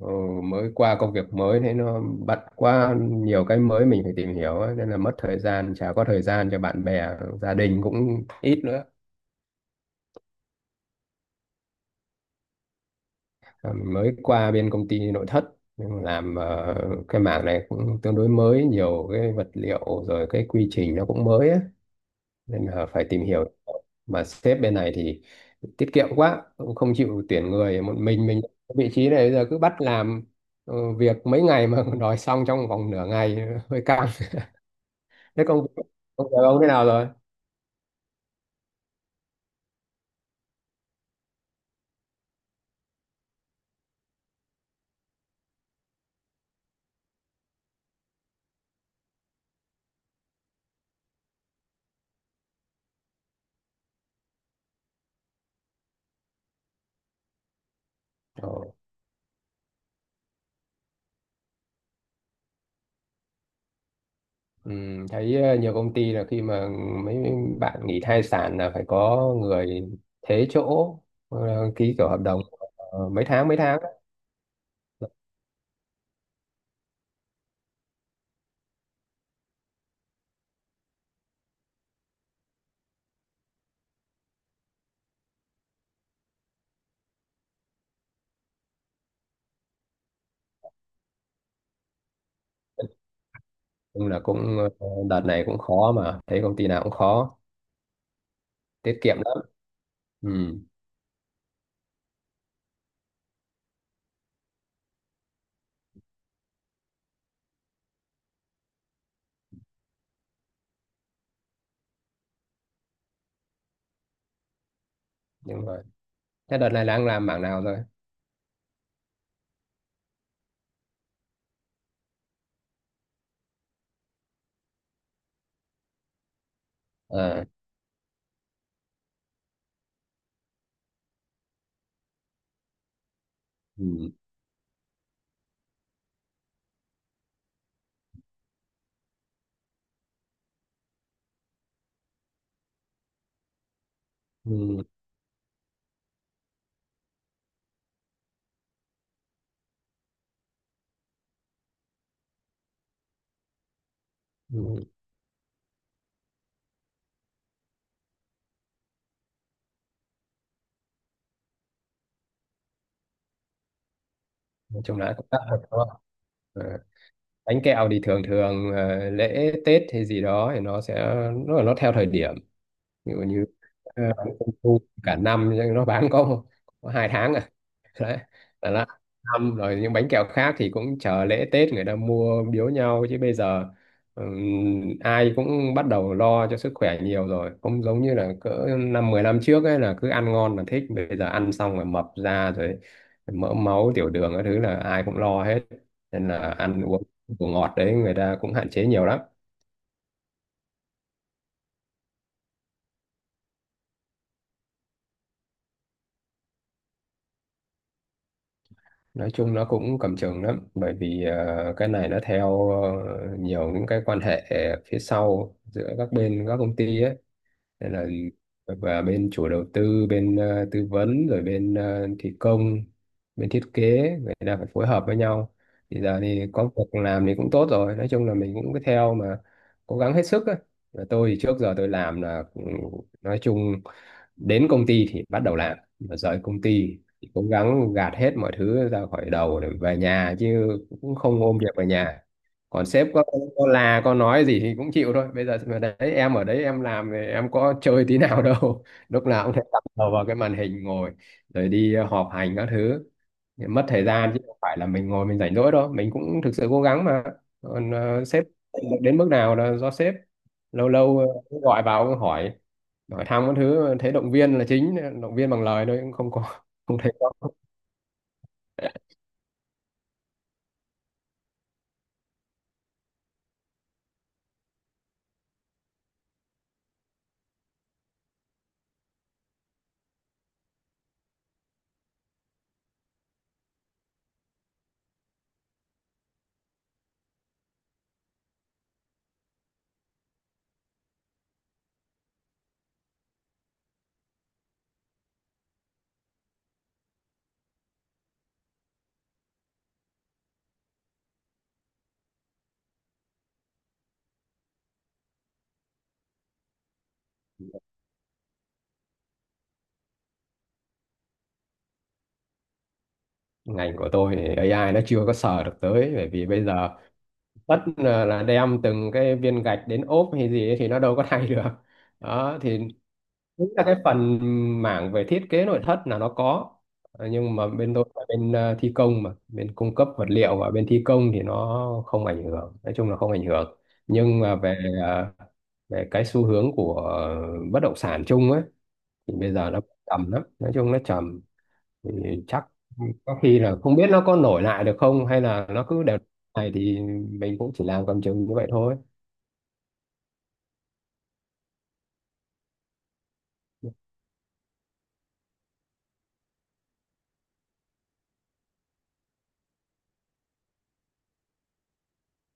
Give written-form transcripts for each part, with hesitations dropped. Ờ, mới qua công việc mới thế nó bận quá nhiều cái mới mình phải tìm hiểu ấy, nên là mất thời gian, chả có thời gian cho bạn bè, gia đình cũng ít nữa. Ờ, mình mới qua bên công ty nội thất, nhưng mà làm cái mảng này cũng tương đối mới, nhiều cái vật liệu rồi cái quy trình nó cũng mới ấy, nên là phải tìm hiểu. Mà sếp bên này thì tiết kiệm quá, cũng không chịu tuyển người, một mình ở vị trí này, bây giờ cứ bắt làm việc mấy ngày mà đòi xong trong vòng nửa ngày, hơi căng. Thế công công việc ông thế nào rồi? Ồ, ừ, thấy nhiều công ty là khi mà mấy bạn nghỉ thai sản là phải có người thế chỗ, ký kiểu hợp đồng mấy tháng, mấy tháng. Nhưng là cũng đợt này cũng khó, mà thấy công ty nào cũng khó, tiết kiệm lắm. Ừ, đúng rồi. Thế đợt này đang làm mảng nào rồi? À, ừ, ừ, ừ. Nói chung là cũng tắt thật, đúng không? Ờ, bánh kẹo thì thường thường lễ Tết hay gì đó thì nó sẽ, nó theo thời điểm. Ví dụ như bán trung thu cả năm nhưng nó bán có hai tháng à. Đấy, là nó năm rồi những bánh kẹo khác thì cũng chờ lễ Tết người ta mua biếu nhau, chứ bây giờ ai cũng bắt đầu lo cho sức khỏe nhiều rồi, không giống như là cỡ năm 10 năm trước ấy, là cứ ăn ngon là thích, bây giờ ăn xong rồi mập ra rồi, mỡ máu tiểu đường cái thứ là ai cũng lo hết. Nên là ăn uống đồ ngọt đấy người ta cũng hạn chế nhiều lắm. Nói chung nó cũng cầm chừng lắm, bởi vì cái này nó theo nhiều những cái quan hệ phía sau giữa các bên, các công ty ấy. Nên là và bên chủ đầu tư, bên tư vấn, rồi bên thi công, bên thiết kế, người ta phải phối hợp với nhau. Thì giờ thì có việc làm thì cũng tốt rồi, nói chung là mình cũng cứ theo mà cố gắng hết sức ấy. Và tôi thì trước giờ tôi làm là ừ, nói chung đến công ty thì bắt đầu làm, và rời công ty thì cố gắng gạt hết mọi thứ ra khỏi đầu để về nhà, chứ cũng không ôm việc về nhà. Còn sếp có là có nói gì thì cũng chịu thôi, bây giờ mà đấy em ở đấy em làm thì em có chơi tí nào đâu, lúc nào cũng thấy tập đầu vào cái màn hình ngồi, rồi đi họp hành các thứ, mất thời gian, chứ không phải là mình ngồi mình rảnh rỗi đâu, mình cũng thực sự cố gắng mà. Còn sếp đến mức nào là do sếp. Lâu lâu gọi vào hỏi, hỏi thăm các thứ, thấy động viên là chính, động viên bằng lời thôi, cũng không có không thấy có. Ngành của tôi thì AI nó chưa có sờ được tới, bởi vì bây giờ tất là đem từng cái viên gạch đến ốp hay gì ấy thì nó đâu có thay được. Đó thì chính là cái phần mảng về thiết kế nội thất là nó có. Ờ, nhưng mà bên tôi là bên thi công, mà bên cung cấp vật liệu và bên thi công thì nó không ảnh hưởng, nói chung là không ảnh hưởng. Nhưng mà về ờ, về cái xu hướng của bất động sản chung ấy, thì bây giờ nó trầm lắm, nói chung nó trầm. Thì chắc có khi là không biết nó có nổi lại được không, hay là nó cứ đều này thì mình cũng chỉ làm cầm chừng như vậy thôi.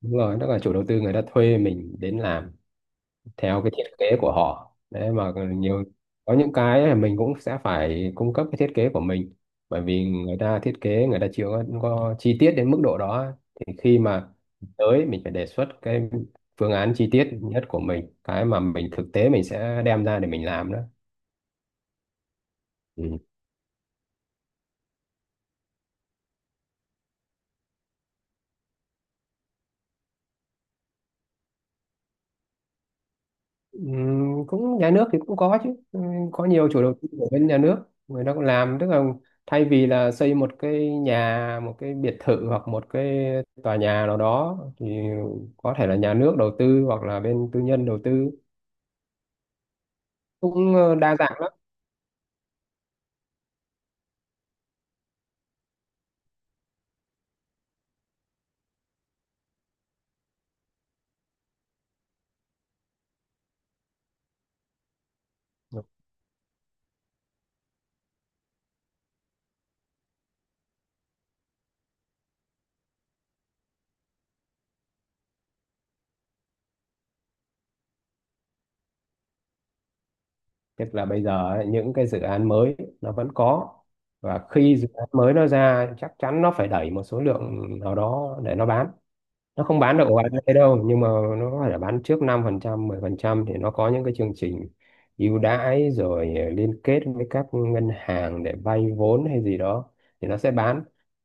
Đúng rồi, tức là chủ đầu tư người ta thuê mình đến làm theo cái thiết kế của họ đấy mà. Nhiều có những cái là mình cũng sẽ phải cung cấp cái thiết kế của mình, bởi vì người ta thiết kế người ta chưa có, có chi tiết đến mức độ đó, thì khi mà tới mình phải đề xuất cái phương án chi tiết nhất của mình, cái mà mình thực tế mình sẽ đem ra để mình làm đó. Ừ. Cũng nhà nước thì cũng có chứ. Có nhiều chủ đầu tư của bên nhà nước người ta cũng làm, tức là thay vì là xây một cái nhà, một cái biệt thự, hoặc một cái tòa nhà nào đó, thì có thể là nhà nước đầu tư hoặc là bên tư nhân đầu tư, cũng đa dạng lắm. Tức là bây giờ ấy, những cái dự án mới nó vẫn có, và khi dự án mới nó ra chắc chắn nó phải đẩy một số lượng nào đó để nó bán. Nó không bán được ổ ạt như thế đâu, nhưng mà nó có thể là bán trước năm phần trăm, mười phần trăm, thì nó có những cái chương trình ưu đãi, rồi liên kết với các ngân hàng để vay vốn hay gì đó, thì nó sẽ bán.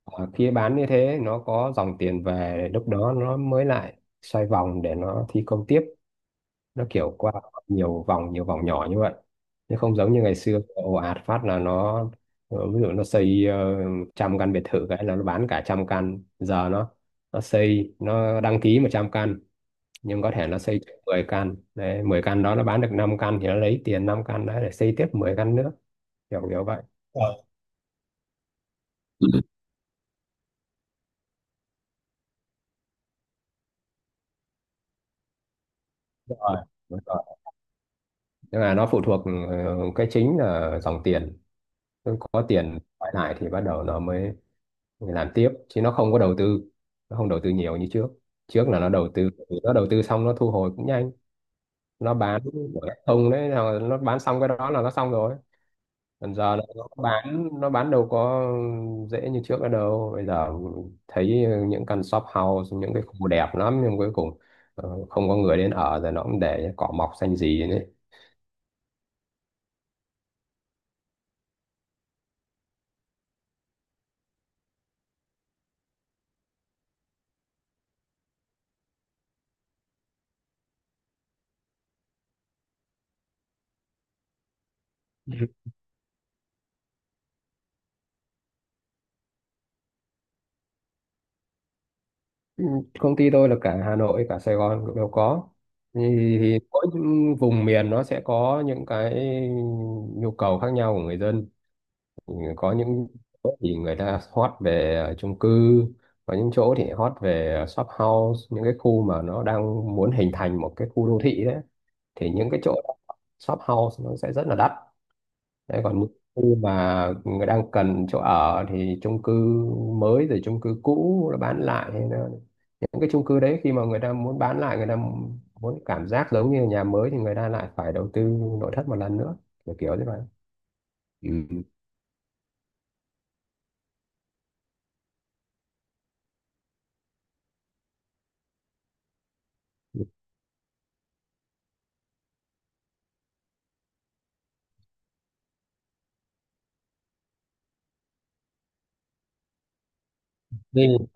Ờ, khi bán như thế nó có dòng tiền về, lúc đó nó mới lại xoay vòng để nó thi công tiếp. Nó kiểu qua nhiều vòng, nhiều vòng nhỏ như vậy, chứ không giống như ngày xưa ồ ạt phát là nó ví dụ nó xây trăm căn biệt thự cái là nó bán cả trăm căn. Giờ nó xây nó đăng ký 100 căn, nhưng có thể nó xây 10 căn đấy, 10 căn đó nó bán được 5 căn thì nó lấy tiền 5 căn đó để xây tiếp 10 căn nữa, kiểu kiểu vậy. Ờ, Đúng rồi, đúng rồi. Tức là nó phụ thuộc cái chính là dòng tiền. Cứ có tiền quay lại thì bắt đầu nó mới, mình làm tiếp, chứ nó không có đầu tư, nó không đầu tư nhiều như trước. Trước là nó đầu tư, nó đầu tư xong nó thu hồi cũng nhanh, nó bán của không đấy là nó bán xong cái đó là nó xong rồi. Còn giờ là nó bán, nó bán đâu có dễ như trước nữa đâu, bây giờ thấy những căn shop house những cái khu đẹp lắm nhưng cuối cùng không có người đến ở, rồi nó cũng để cỏ mọc xanh gì đấy. Ừ, công ty tôi là cả Hà Nội cả Sài Gòn cũng đều có. thì, thì mỗi vùng miền nó sẽ có những cái nhu cầu khác nhau của người dân. Ừ, có những chỗ thì người ta hot về chung cư, có những chỗ thì hot về shop house, những cái khu mà nó đang muốn hình thành một cái khu đô thị đấy, thì những cái chỗ shop house nó sẽ rất là đắt. Đấy, còn những khu mà người đang cần chỗ ở thì chung cư mới rồi chung cư cũ nó bán lại, hay là những cái chung cư đấy khi mà người ta muốn bán lại, người ta muốn cảm giác giống như nhà mới, thì người ta lại phải đầu tư nội thất một lần nữa, kiểu kiểu như vậy. Ừ. Nên-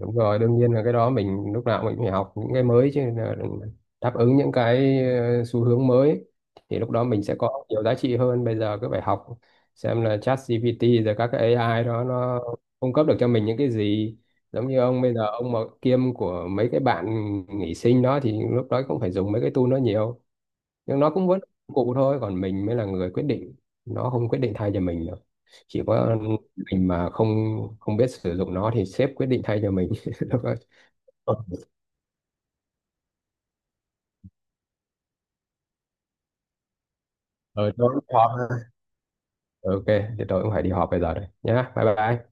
đúng rồi, đương nhiên là cái đó mình lúc nào mình cũng phải học những cái mới chứ, là đừng, đáp ứng những cái xu hướng mới, thì lúc đó mình sẽ có nhiều giá trị hơn. Bây giờ cứ phải học xem là ChatGPT rồi các cái AI đó nó cung cấp được cho mình những cái gì. Giống như ông bây giờ ông mà kiêm của mấy cái bạn nghỉ sinh đó thì lúc đó cũng phải dùng mấy cái tool nó nhiều. Nhưng nó cũng vẫn cụ thôi, còn mình mới là người quyết định, nó không quyết định thay cho mình được. Chỉ có mình mà không không biết sử dụng nó thì sếp quyết định thay cho mình. Đúng rồi. Ừ, ừ, tôi cũng khó ha. Ok, thì tôi cũng phải đi họp bây giờ đây nhá, bye bye.